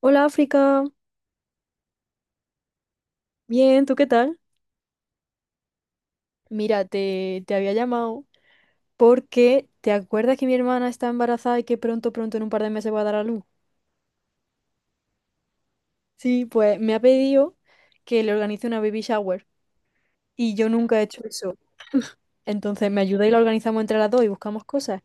Hola África, bien, ¿tú qué tal? Mira, te había llamado porque ¿te acuerdas que mi hermana está embarazada y que pronto, en un par de meses va a dar a luz? Sí, pues me ha pedido que le organice una baby shower y yo nunca he hecho eso. Entonces me ayuda y la organizamos entre las dos y buscamos cosas.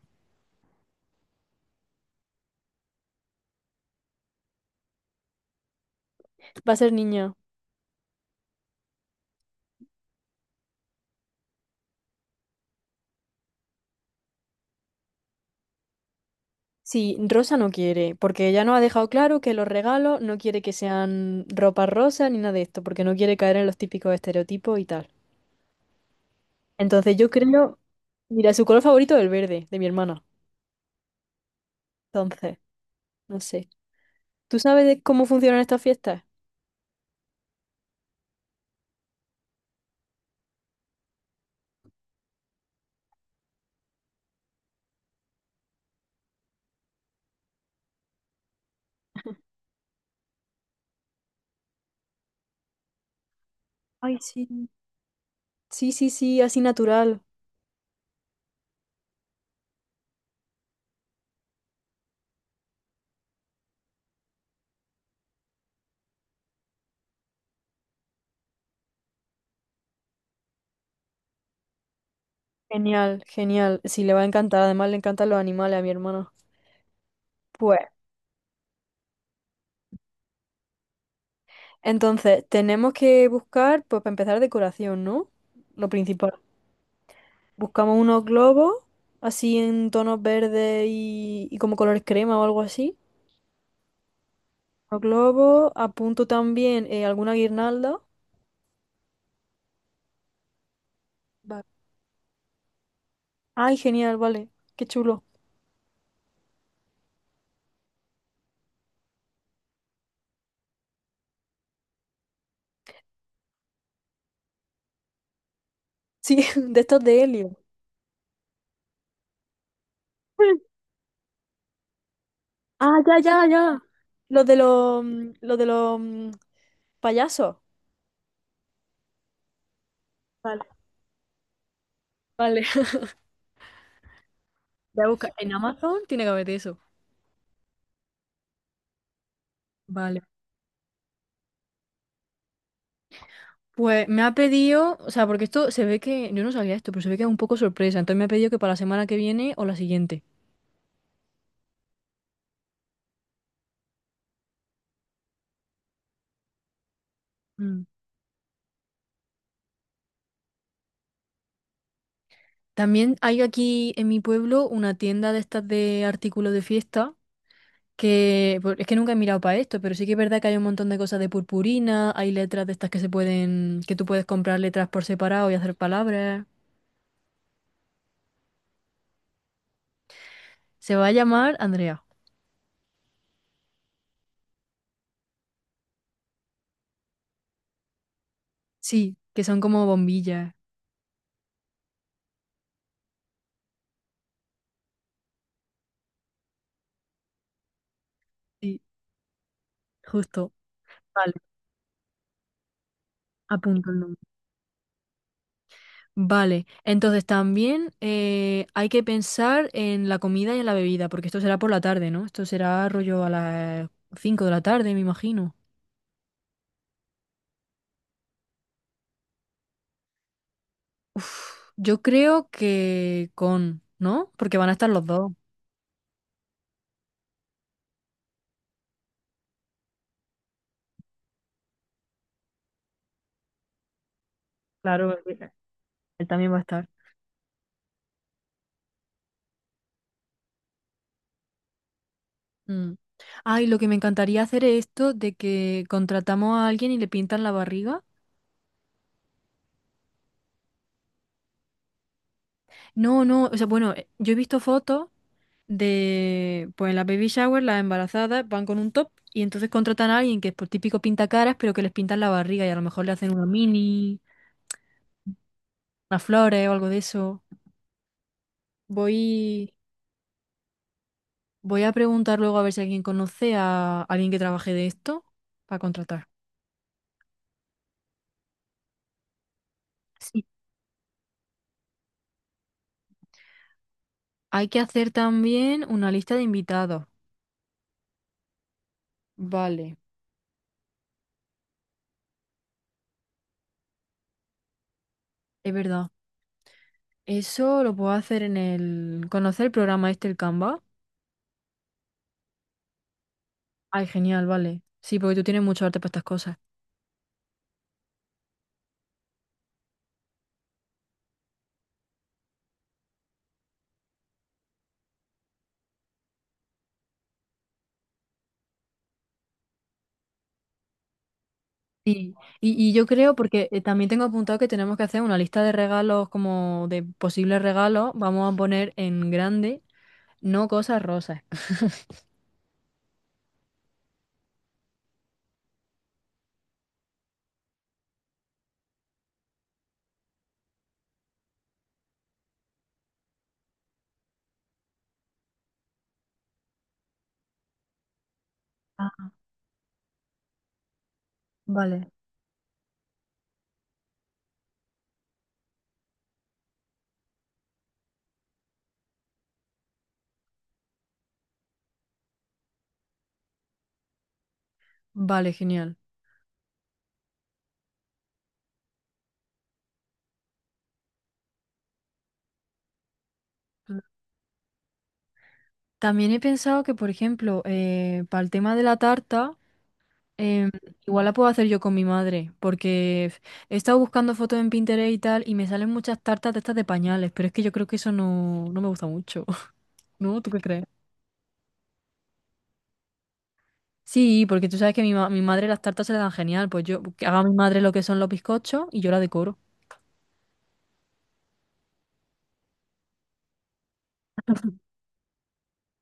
Va a ser niña. Sí, Rosa no quiere, porque ella nos ha dejado claro que los regalos no quiere que sean ropa rosa ni nada de esto, porque no quiere caer en los típicos estereotipos y tal. Entonces yo creo, mira, su color favorito es el verde, de mi hermana. Entonces, no sé. ¿Tú sabes de cómo funcionan estas fiestas? Ay, sí. Sí, sí, sí, así natural. Genial, genial. Sí, le va a encantar. Además, le encantan los animales a mi hermana. Pues, entonces, tenemos que buscar, pues, para empezar, decoración, ¿no? Lo principal. Buscamos unos globos, así en tonos verdes y como colores crema o algo así. Los globos, apunto también alguna guirnalda. Vale. Ay, genial, vale. Qué chulo. Sí, de estos de helio. Ah, ya, ya, ya. Los de los payasos. Vale, vale. Voy a buscar. En Amazon tiene que haber eso. Vale. Pues me ha pedido, o sea, porque esto se ve que, yo no sabía esto, pero se ve que es un poco sorpresa. Entonces me ha pedido que para la semana que viene o la siguiente. Mm. También hay aquí en mi pueblo una tienda de estas de artículos de fiesta, que pues, es que nunca he mirado para esto, pero sí que es verdad que hay un montón de cosas de purpurina, hay letras de estas que se pueden, que tú puedes comprar letras por separado y hacer palabras. Se va a llamar Andrea. Sí, que son como bombillas. Sí, justo. Vale, apunto el nombre. Vale, entonces también hay que pensar en la comida y en la bebida, porque esto será por la tarde, ¿no? Esto será rollo a las 5 de la tarde, me imagino. Uf, yo creo que con, ¿no? Porque van a estar los dos. Claro, porque él también va a estar. Mm. Ay, lo que me encantaría hacer es esto de que contratamos a alguien y le pintan la barriga. No, no, o sea, bueno, yo he visto fotos de, pues en las baby shower, las embarazadas van con un top y entonces contratan a alguien que es por típico pintacaras, pero que les pintan la barriga y a lo mejor le hacen una mini, unas flores o algo de eso. Voy, voy a preguntar luego a ver si alguien conoce a alguien que trabaje de esto para contratar. Sí. Hay que hacer también una lista de invitados. Vale, es verdad. Eso lo puedo hacer en el... ¿Conocer el programa este, el Canva? Ay, genial, vale. Sí, porque tú tienes mucho arte para estas cosas. Sí, y yo creo, porque también tengo apuntado que tenemos que hacer una lista de regalos, como de posibles regalos, vamos a poner en grande, no cosas rosas. Ah, vale. Vale, genial. También he pensado que, por ejemplo, para el tema de la tarta, em, igual la puedo hacer yo con mi madre, porque he estado buscando fotos en Pinterest y tal, y me salen muchas tartas de estas de pañales, pero es que yo creo que eso no, no me gusta mucho, ¿no? ¿Tú qué crees? Sí, porque tú sabes que mi madre las tartas se le dan genial. Pues yo, que haga a mi madre lo que son los bizcochos y yo la decoro.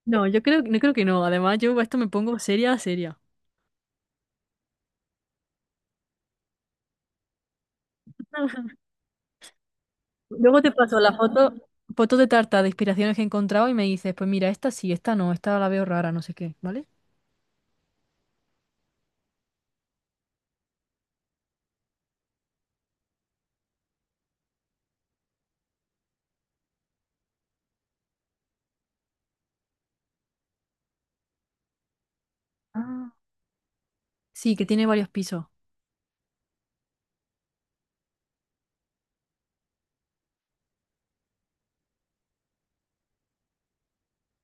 No, yo creo, no creo que no. Además, yo esto me pongo seria, seria. Luego te paso la foto, fotos de tarta de inspiraciones que he encontrado y me dices, pues mira, esta sí, esta no, esta la veo rara, no sé qué, ¿vale? Ah, sí, que tiene varios pisos.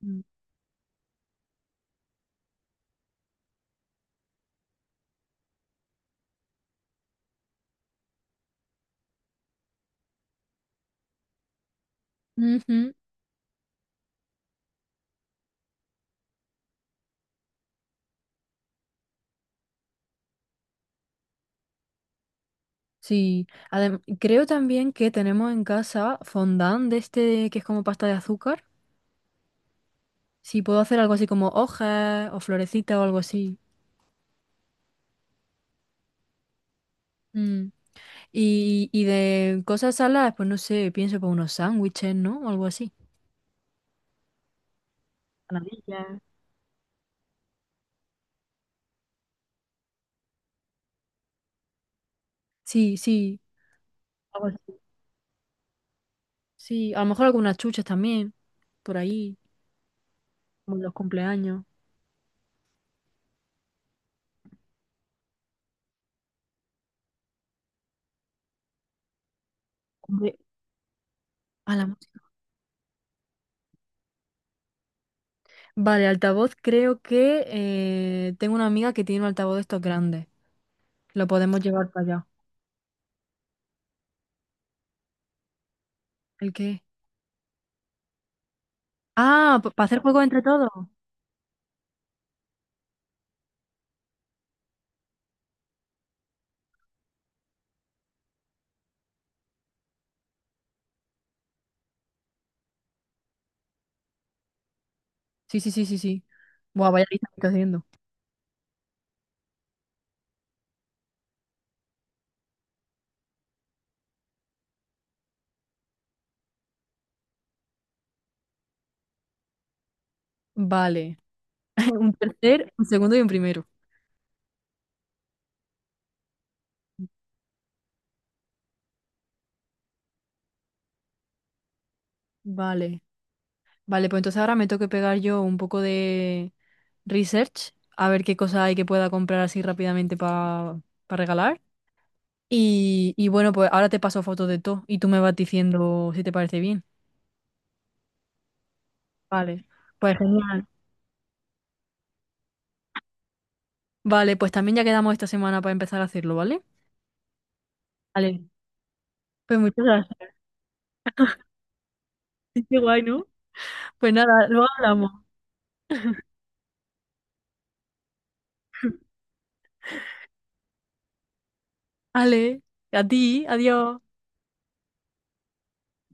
Mm. Ujú, sí, creo también que tenemos en casa fondant de este que es como pasta de azúcar. Sí, puedo hacer algo así como hojas o florecitas o algo así. Mm. Y de cosas saladas, pues no sé, pienso para unos sándwiches, ¿no? O algo así. Empanadillas, sí, sí, algo así, sí. A lo mejor algunas chuches también, por ahí, como en los cumpleaños. Hombre, a la música. Vale, altavoz, creo que tengo una amiga que tiene un altavoz de estos grandes. Lo podemos llevar para allá. ¿El qué? Ah, para hacer juegos entre todos. Sí, sí, sí, sí, sí. Buah, vaya lista que estoy haciendo. Vale. Un tercer, un segundo y un primero. Vale. Vale, pues entonces ahora me tengo que pegar yo un poco de research, a ver qué cosa hay que pueda comprar así rápidamente para regalar. Y bueno, pues ahora te paso fotos de todo y tú me vas diciendo si te parece bien. Vale, pues genial. Vale, pues también ya quedamos esta semana para empezar a hacerlo, ¿vale? Vale. Pues muchas gracias. Qué guay, ¿no? Pues nada, luego hablamos. Vale, a ti, adiós.